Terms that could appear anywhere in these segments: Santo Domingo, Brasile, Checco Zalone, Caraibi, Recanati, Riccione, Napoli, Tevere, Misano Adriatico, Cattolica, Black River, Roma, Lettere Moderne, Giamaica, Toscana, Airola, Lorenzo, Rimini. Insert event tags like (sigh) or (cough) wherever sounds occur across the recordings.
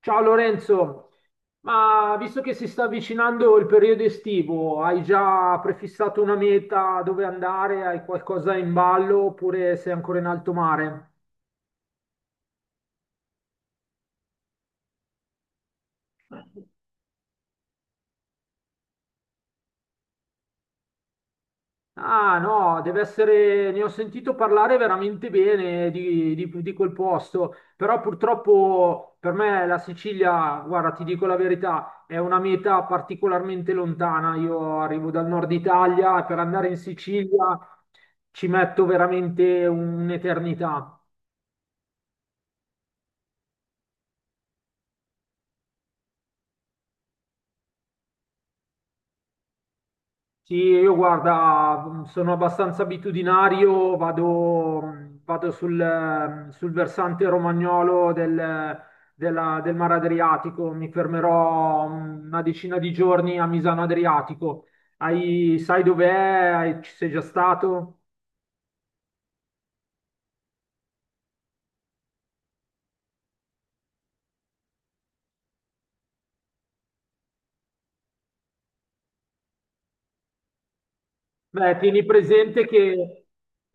Ciao Lorenzo, ma visto che si sta avvicinando il periodo estivo, hai già prefissato una meta dove andare? Hai qualcosa in ballo oppure sei ancora in alto mare? Ah no, deve essere, ne ho sentito parlare veramente bene di quel posto, però purtroppo per me la Sicilia, guarda, ti dico la verità, è una meta particolarmente lontana. Io arrivo dal nord Italia e per andare in Sicilia ci metto veramente un'eternità. Sì, io guarda, sono abbastanza abitudinario, vado sul versante romagnolo del Mar Adriatico, mi fermerò una decina di giorni a Misano Adriatico. Sai dov'è? Ci sei già stato? Beh, tieni presente che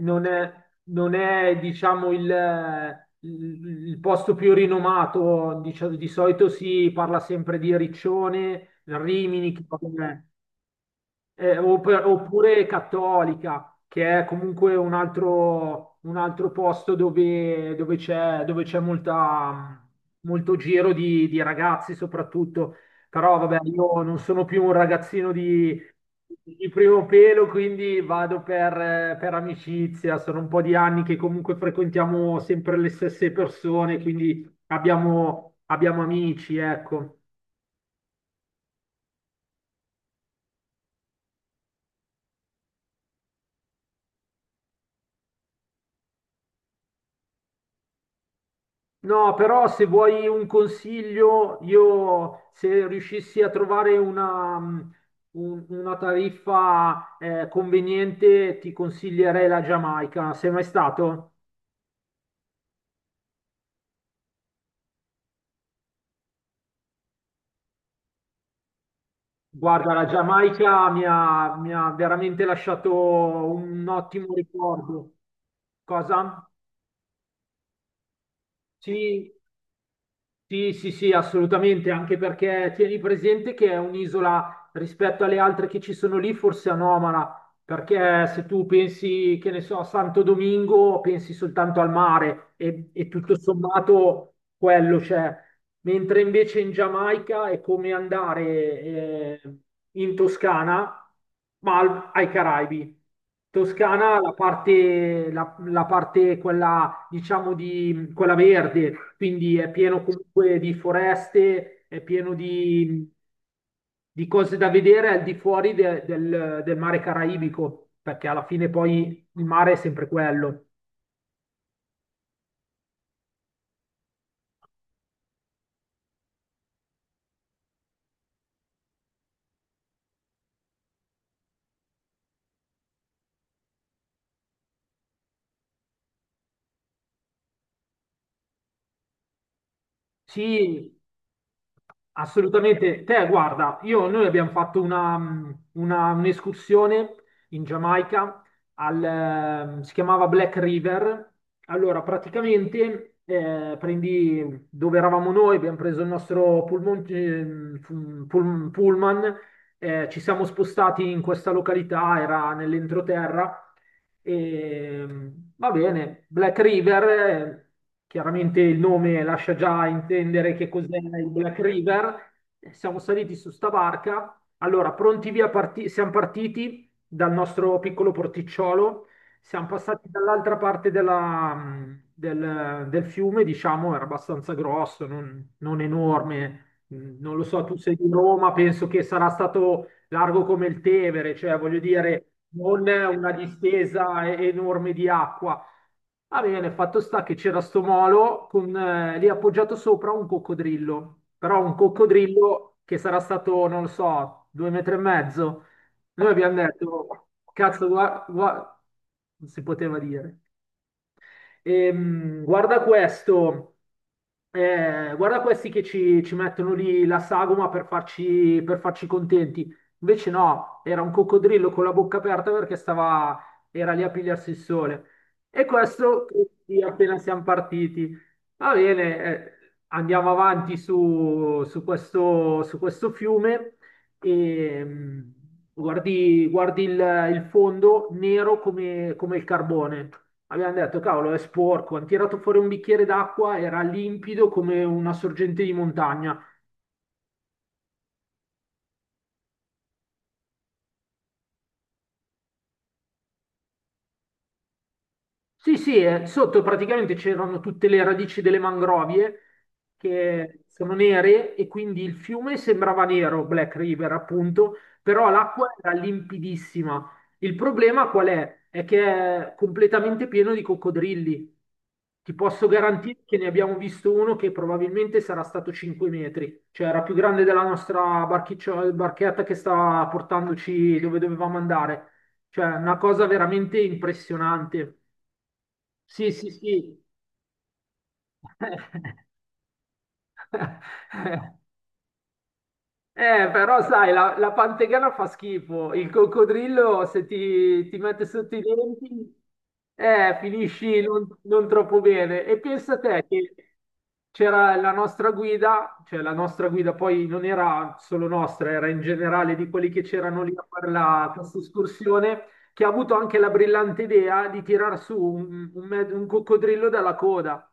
non è, non è, diciamo, il posto più rinomato, di solito si parla sempre di Riccione, Rimini, che vabbè, oppure Cattolica, che è comunque un altro posto dove, dove c'è molto giro di ragazzi soprattutto. Però vabbè, io non sono più un ragazzino di primo pelo, quindi vado per amicizia. Sono un po' di anni che comunque frequentiamo sempre le stesse persone, quindi abbiamo amici, ecco. No, però se vuoi un consiglio, io se riuscissi a trovare una tariffa conveniente, ti consiglierei la Giamaica. Sei mai stato? Guarda, la Giamaica mi ha veramente lasciato un ottimo ricordo. Cosa? Sì, sì, sì, sì, assolutamente, anche perché tieni presente che è un'isola rispetto alle altre che ci sono lì, forse anomala, perché se tu pensi, che ne so, a Santo Domingo, pensi soltanto al mare e tutto sommato quello c'è, mentre invece in Giamaica è come andare in Toscana, ma ai Caraibi. Toscana, la parte, la parte quella, diciamo, di quella verde, quindi è pieno comunque di foreste, è pieno di cose da vedere al di fuori del mare caraibico, perché alla fine poi il mare è sempre quello. Sì, assolutamente. Te, guarda, noi abbiamo fatto un'escursione in Giamaica, si chiamava Black River. Allora, praticamente, prendi, dove eravamo noi, abbiamo preso il nostro pullman, pullman, ci siamo spostati in questa località, era nell'entroterra. E, va bene, Black River, chiaramente il nome lascia già intendere che cos'è il Black River. Siamo saliti su sta barca. Allora, pronti via, siamo partiti dal nostro piccolo porticciolo, siamo passati dall'altra parte del fiume, diciamo, era abbastanza grosso, non enorme. Non lo so, tu sei di Roma, penso che sarà stato largo come il Tevere, cioè voglio dire, non una distesa enorme di acqua. Va bene, fatto sta che c'era sto molo con lì appoggiato sopra un coccodrillo, però un coccodrillo che sarà stato, non lo so, 2 metri e mezzo. Noi abbiamo detto, cazzo, guarda, non si poteva dire. Guarda questo, guarda questi che ci mettono lì la sagoma per farci contenti. Invece no, era un coccodrillo con la bocca aperta perché era lì a pigliarsi il sole. E questo, sì, appena siamo partiti. Va bene, andiamo avanti su questo fiume e guardi il fondo nero come il carbone. Abbiamo detto, cavolo, è sporco. Hanno tirato fuori un bicchiere d'acqua, era limpido come una sorgente di montagna. Sì, sì, sotto praticamente c'erano tutte le radici delle mangrovie che sono nere e quindi il fiume sembrava nero, Black River appunto, però l'acqua era limpidissima. Il problema qual è? È che è completamente pieno di coccodrilli. Ti posso garantire che ne abbiamo visto uno che probabilmente sarà stato 5 metri, cioè era più grande della nostra barchetta che stava portandoci dove dovevamo andare. Cioè, una cosa veramente impressionante. Sì, sì, sì. (laughs) Però sai, la pantegana fa schifo, il coccodrillo se ti mette sotto i denti, finisci non troppo bene. E pensa te che c'era la nostra guida, cioè la nostra guida poi non era solo nostra, era in generale di quelli che c'erano lì a fare questa escursione, che ha avuto anche la brillante idea di tirar su un coccodrillo dalla coda.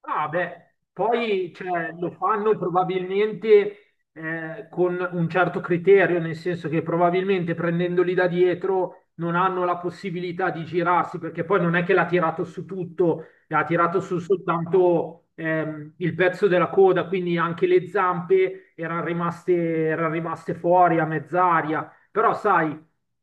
Ah, beh, poi cioè, lo fanno probabilmente con un certo criterio, nel senso che probabilmente prendendoli da dietro non hanno la possibilità di girarsi, perché poi non è che l'ha tirato su tutto, ha tirato su soltanto il pezzo della coda, quindi anche le zampe erano rimaste fuori a mezz'aria. Però sai,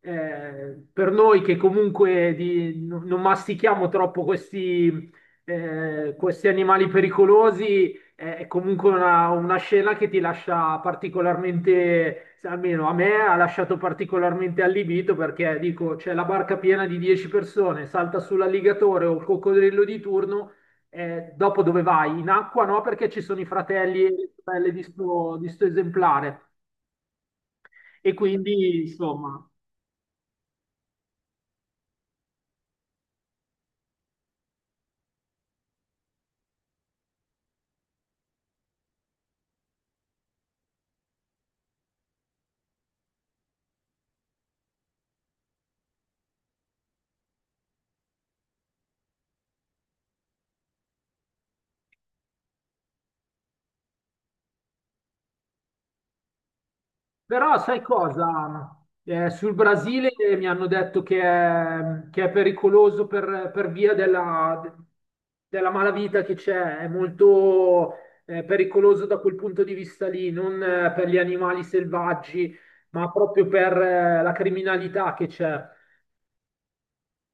per noi che comunque non mastichiamo troppo questi, questi animali pericolosi, è comunque una scena che ti lascia particolarmente, se almeno a me ha lasciato particolarmente allibito perché dico, c'è la barca piena di 10 persone, salta sull'alligatore o il coccodrillo di turno, dopo dove vai? In acqua no, perché ci sono i fratelli e le sorelle di sto esemplare. E quindi, insomma. Però sai cosa? Sul Brasile mi hanno detto che è pericoloso per via della malavita che c'è, è molto, pericoloso da quel punto di vista lì, non, per gli animali selvaggi, ma proprio per, la criminalità che c'è.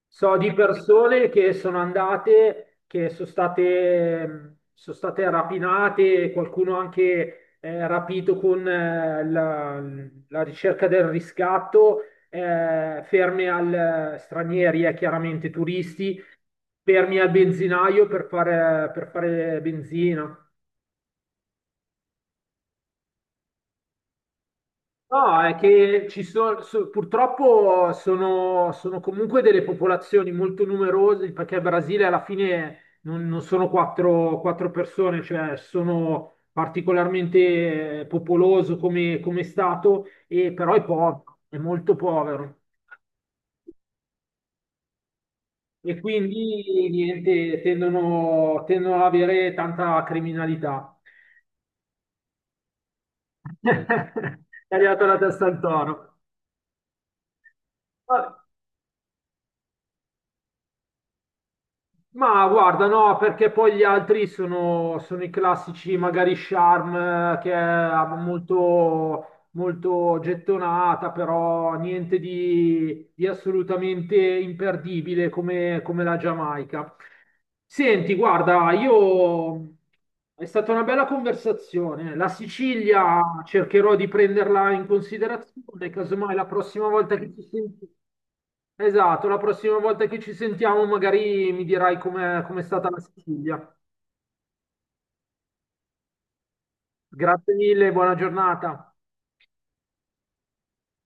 So di persone che sono andate, che sono state, rapinate, qualcuno anche, rapito con, la ricerca del riscatto, ferme al, stranieri, chiaramente turisti, fermi al benzinaio per fare benzina. No, è che ci sono, purtroppo sono comunque delle popolazioni molto numerose, perché il Brasile alla fine non sono quattro, quattro persone, cioè sono particolarmente, popoloso come stato, e però è povero, è molto povero. E quindi niente, tendono ad avere tanta criminalità. (laughs) È arrivato la testa al toro. Ma guarda, no, perché poi gli altri sono i classici, magari Charm, che è molto, molto gettonata, però niente di assolutamente imperdibile come la Giamaica. Senti, guarda, io è stata una bella conversazione. La Sicilia cercherò di prenderla in considerazione, casomai la prossima volta che ci sentiamo. Esatto, la prossima volta che ci sentiamo magari mi dirai com'è stata la Sicilia. Grazie mille, buona giornata.